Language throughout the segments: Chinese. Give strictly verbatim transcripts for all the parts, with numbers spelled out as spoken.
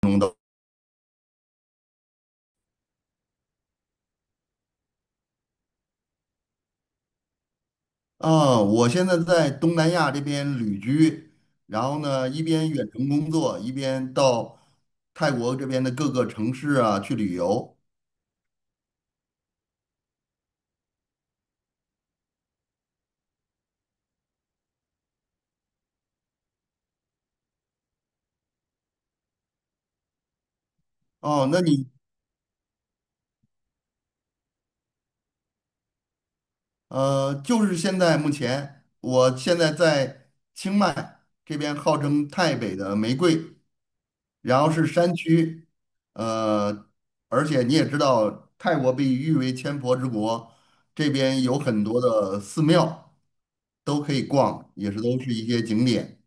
懂的啊，我现在在东南亚这边旅居，然后呢，一边远程工作，一边到泰国这边的各个城市啊去旅游。哦，那你呃，就是现在目前，我现在在清迈这边，号称泰北的玫瑰，然后是山区，呃，而且你也知道，泰国被誉为千佛之国，这边有很多的寺庙都可以逛，也是都是一些景点。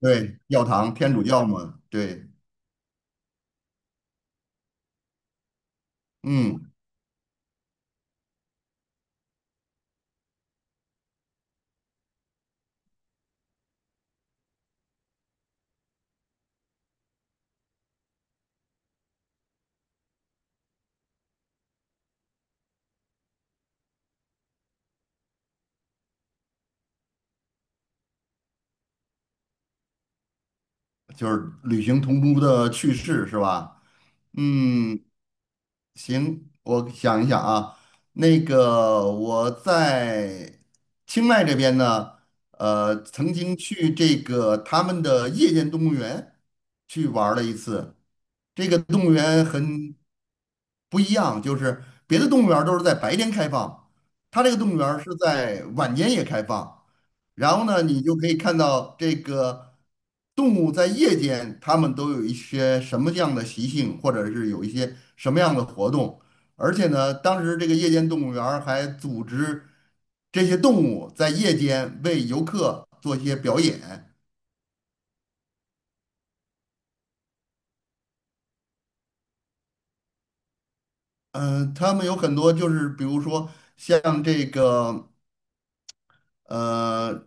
对，教堂天主教嘛，对，嗯，就是旅行同舟的趣事是吧？嗯，行，我想一想啊，那个我在清迈这边呢，呃，曾经去这个他们的夜间动物园去玩儿了一次，这个动物园很不一样，就是别的动物园儿都是在白天开放，它这个动物园儿是在晚间也开放。然后呢，你就可以看到这个动物在夜间，它们都有一些什么样的习性，或者是有一些什么样的活动。而且呢，当时这个夜间动物园儿还组织这些动物在夜间为游客做一些表演。嗯、呃他们有很多就是，比如说像这个。呃，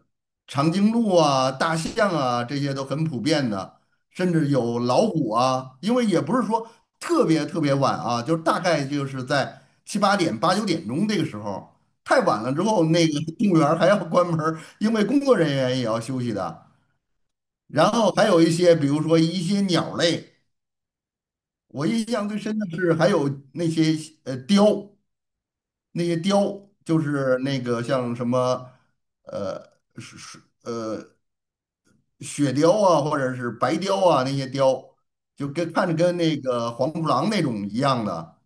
长颈鹿啊、大象啊，这些都很普遍的，甚至有老虎啊。因为也不是说特别特别晚啊，就是大概就是在七八点、八九点钟这个时候，太晚了之后，那个 动物园儿还要关门儿因为工作人员也要休息的。然后还有一些，比如说一些鸟类，我印象最深的是还有那些呃雕，那些雕就是那个像什么呃。是是。雪雕啊，或者是白雕啊那些雕就跟看着跟那个黄鼠狼那种一样的，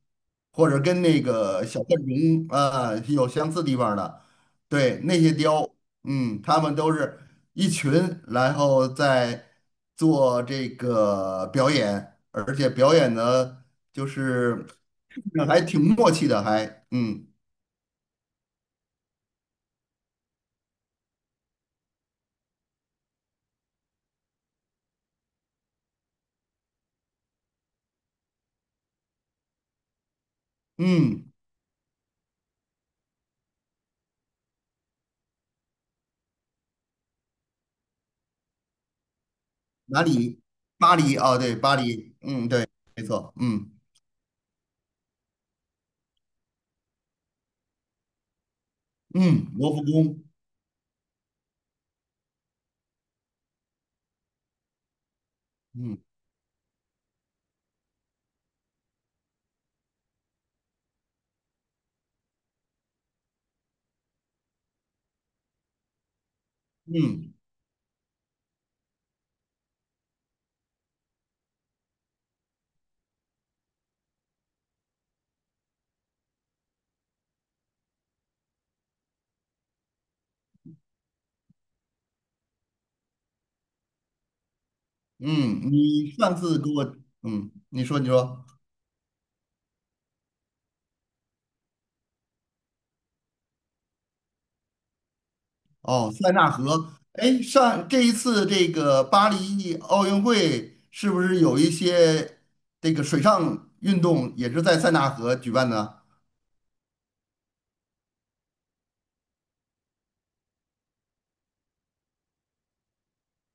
或者跟那个小浣熊啊有相似地方的，对，那些雕，嗯，他们都是一群，然后在做这个表演，而且表演的就是还挺默契的，还嗯嗯，哪里？巴黎啊，对，巴黎，嗯，对，没错，嗯嗯，罗浮宫。嗯嗯嗯，你上次给我，嗯，你说你说，哦，塞纳河，哎，上这一次这个巴黎奥运会是不是有一些这个水上运动也是在塞纳河举办的？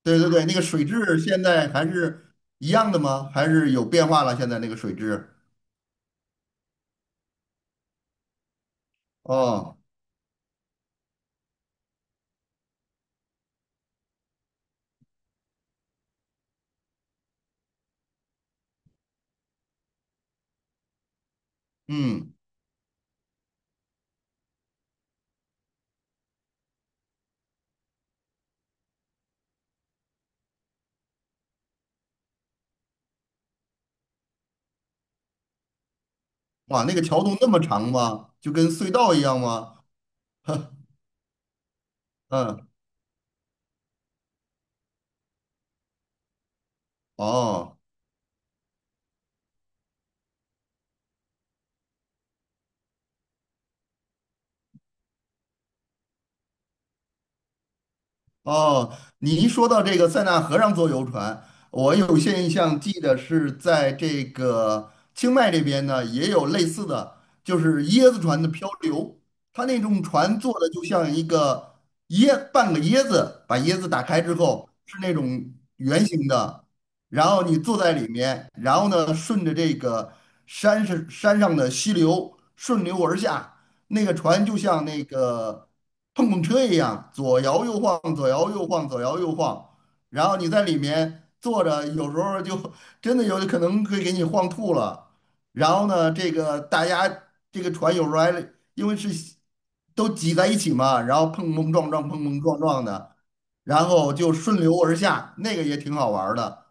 对对对，那个水质现在还是一样的吗？还是有变化了？现在那个水质？哦，嗯，哇，那个桥洞那么长吗？就跟隧道一样吗？嗯，哦。哦，你一说到这个塞纳河上坐游船，我有些印象记得是在这个清迈这边呢，也有类似的，就是椰子船的漂流。它那种船做的就像一个椰，半个椰子，把椰子打开之后是那种圆形的，然后你坐在里面，然后呢顺着这个山是山上的溪流顺流而下，那个船就像那个碰碰车一样，左摇右晃，左摇右晃，左摇右晃，然后你在里面坐着，有时候就 真的有可能会给你晃吐了。然后呢，这个大家这个船有时候还因为是都挤在一起嘛，然后碰碰撞撞，碰碰撞撞的，然后就顺流而下，那个也挺好玩儿的。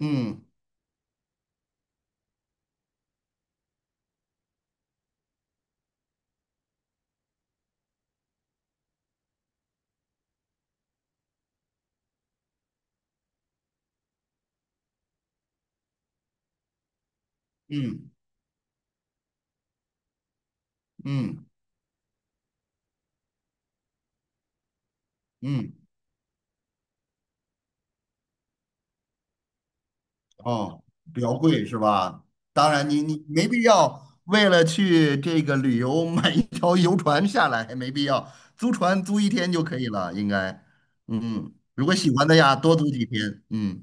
嗯嗯嗯嗯。哦，比较贵是吧？当然你，你没必要为了去这个旅游买一条游船下来，没必要，租船租一天就可以了，应该。嗯，如果喜欢的呀，多租几天。嗯。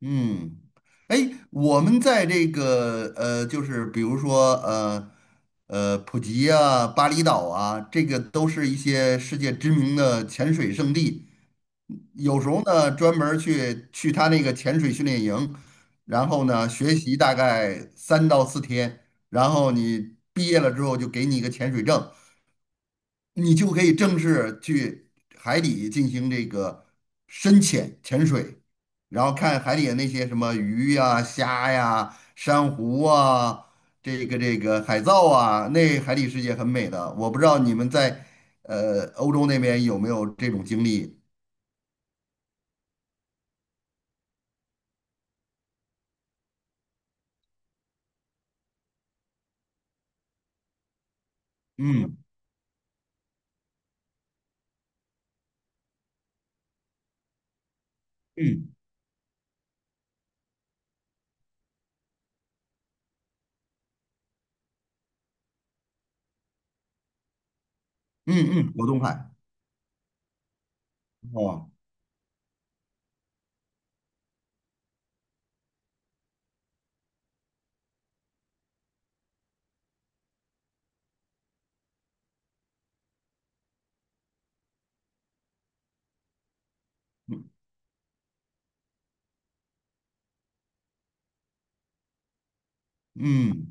嗯，哎，我们在这个呃，就是比如说呃呃，普吉啊、巴厘岛啊，这个都是一些世界知名的潜水胜地。有时候呢，专门儿去去他那个潜水训练营，然后呢学习大概三到四天，然后你毕业了之后就给你一个潜水证，你就可以正式去海底进行这个深潜潜水，然后看海底的那些什么鱼呀、虾呀、珊瑚啊，这个这个海藻啊，那海底世界很美的。我不知道你们在呃欧洲那边有没有这种经历？嗯嗯嗯嗯，嗯果冻海哦，嗯。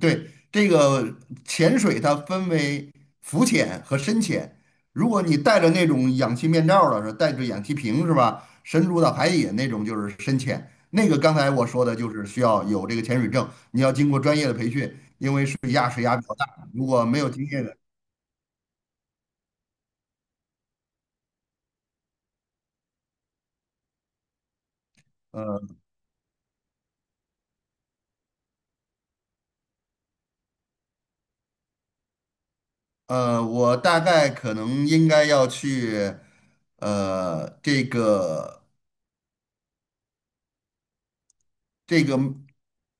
对，这个潜水它分为浮潜和深潜。如果你带着那种氧气面罩儿的，是带着氧气瓶是吧？深入到海底那种就是深潜。那个刚才我说的就是需要有这个潜水证，你要经过专业的培训，因为水压水压比较大，如果没有经验的，呃呃，我大概可能应该要去呃这个。这个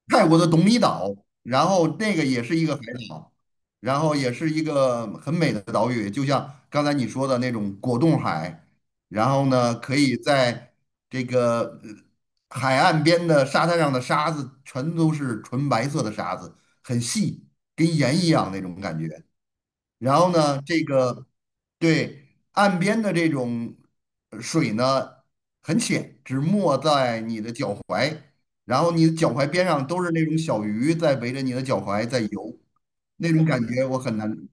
泰国的董米岛，然后那个也是一个海岛，然后也是一个很美的岛屿，就像刚才你说的那种果冻海，然后呢，可以在这个呃海岸边的沙滩上的沙子全都是纯白色的沙子，很细，跟盐一样那种感觉。然后呢，这个对岸边的这种呃水呢很浅，只没在你的脚踝，然后你的脚踝边上都是那种小鱼在围着你的脚踝在游，那种感觉我很难。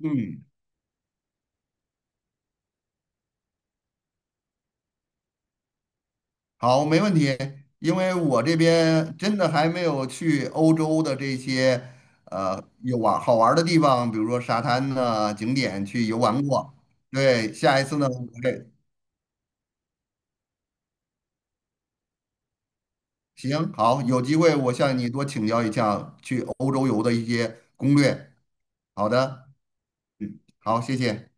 嗯，好，没问题，因为我这边真的还没有去欧洲的这些呃有玩好玩儿的地方，比如说沙滩呐、景点去游玩过。对，下一次呢，我给行，好，有机会我向你多请教一下去欧洲游的一些攻略。好的，嗯，好，谢谢。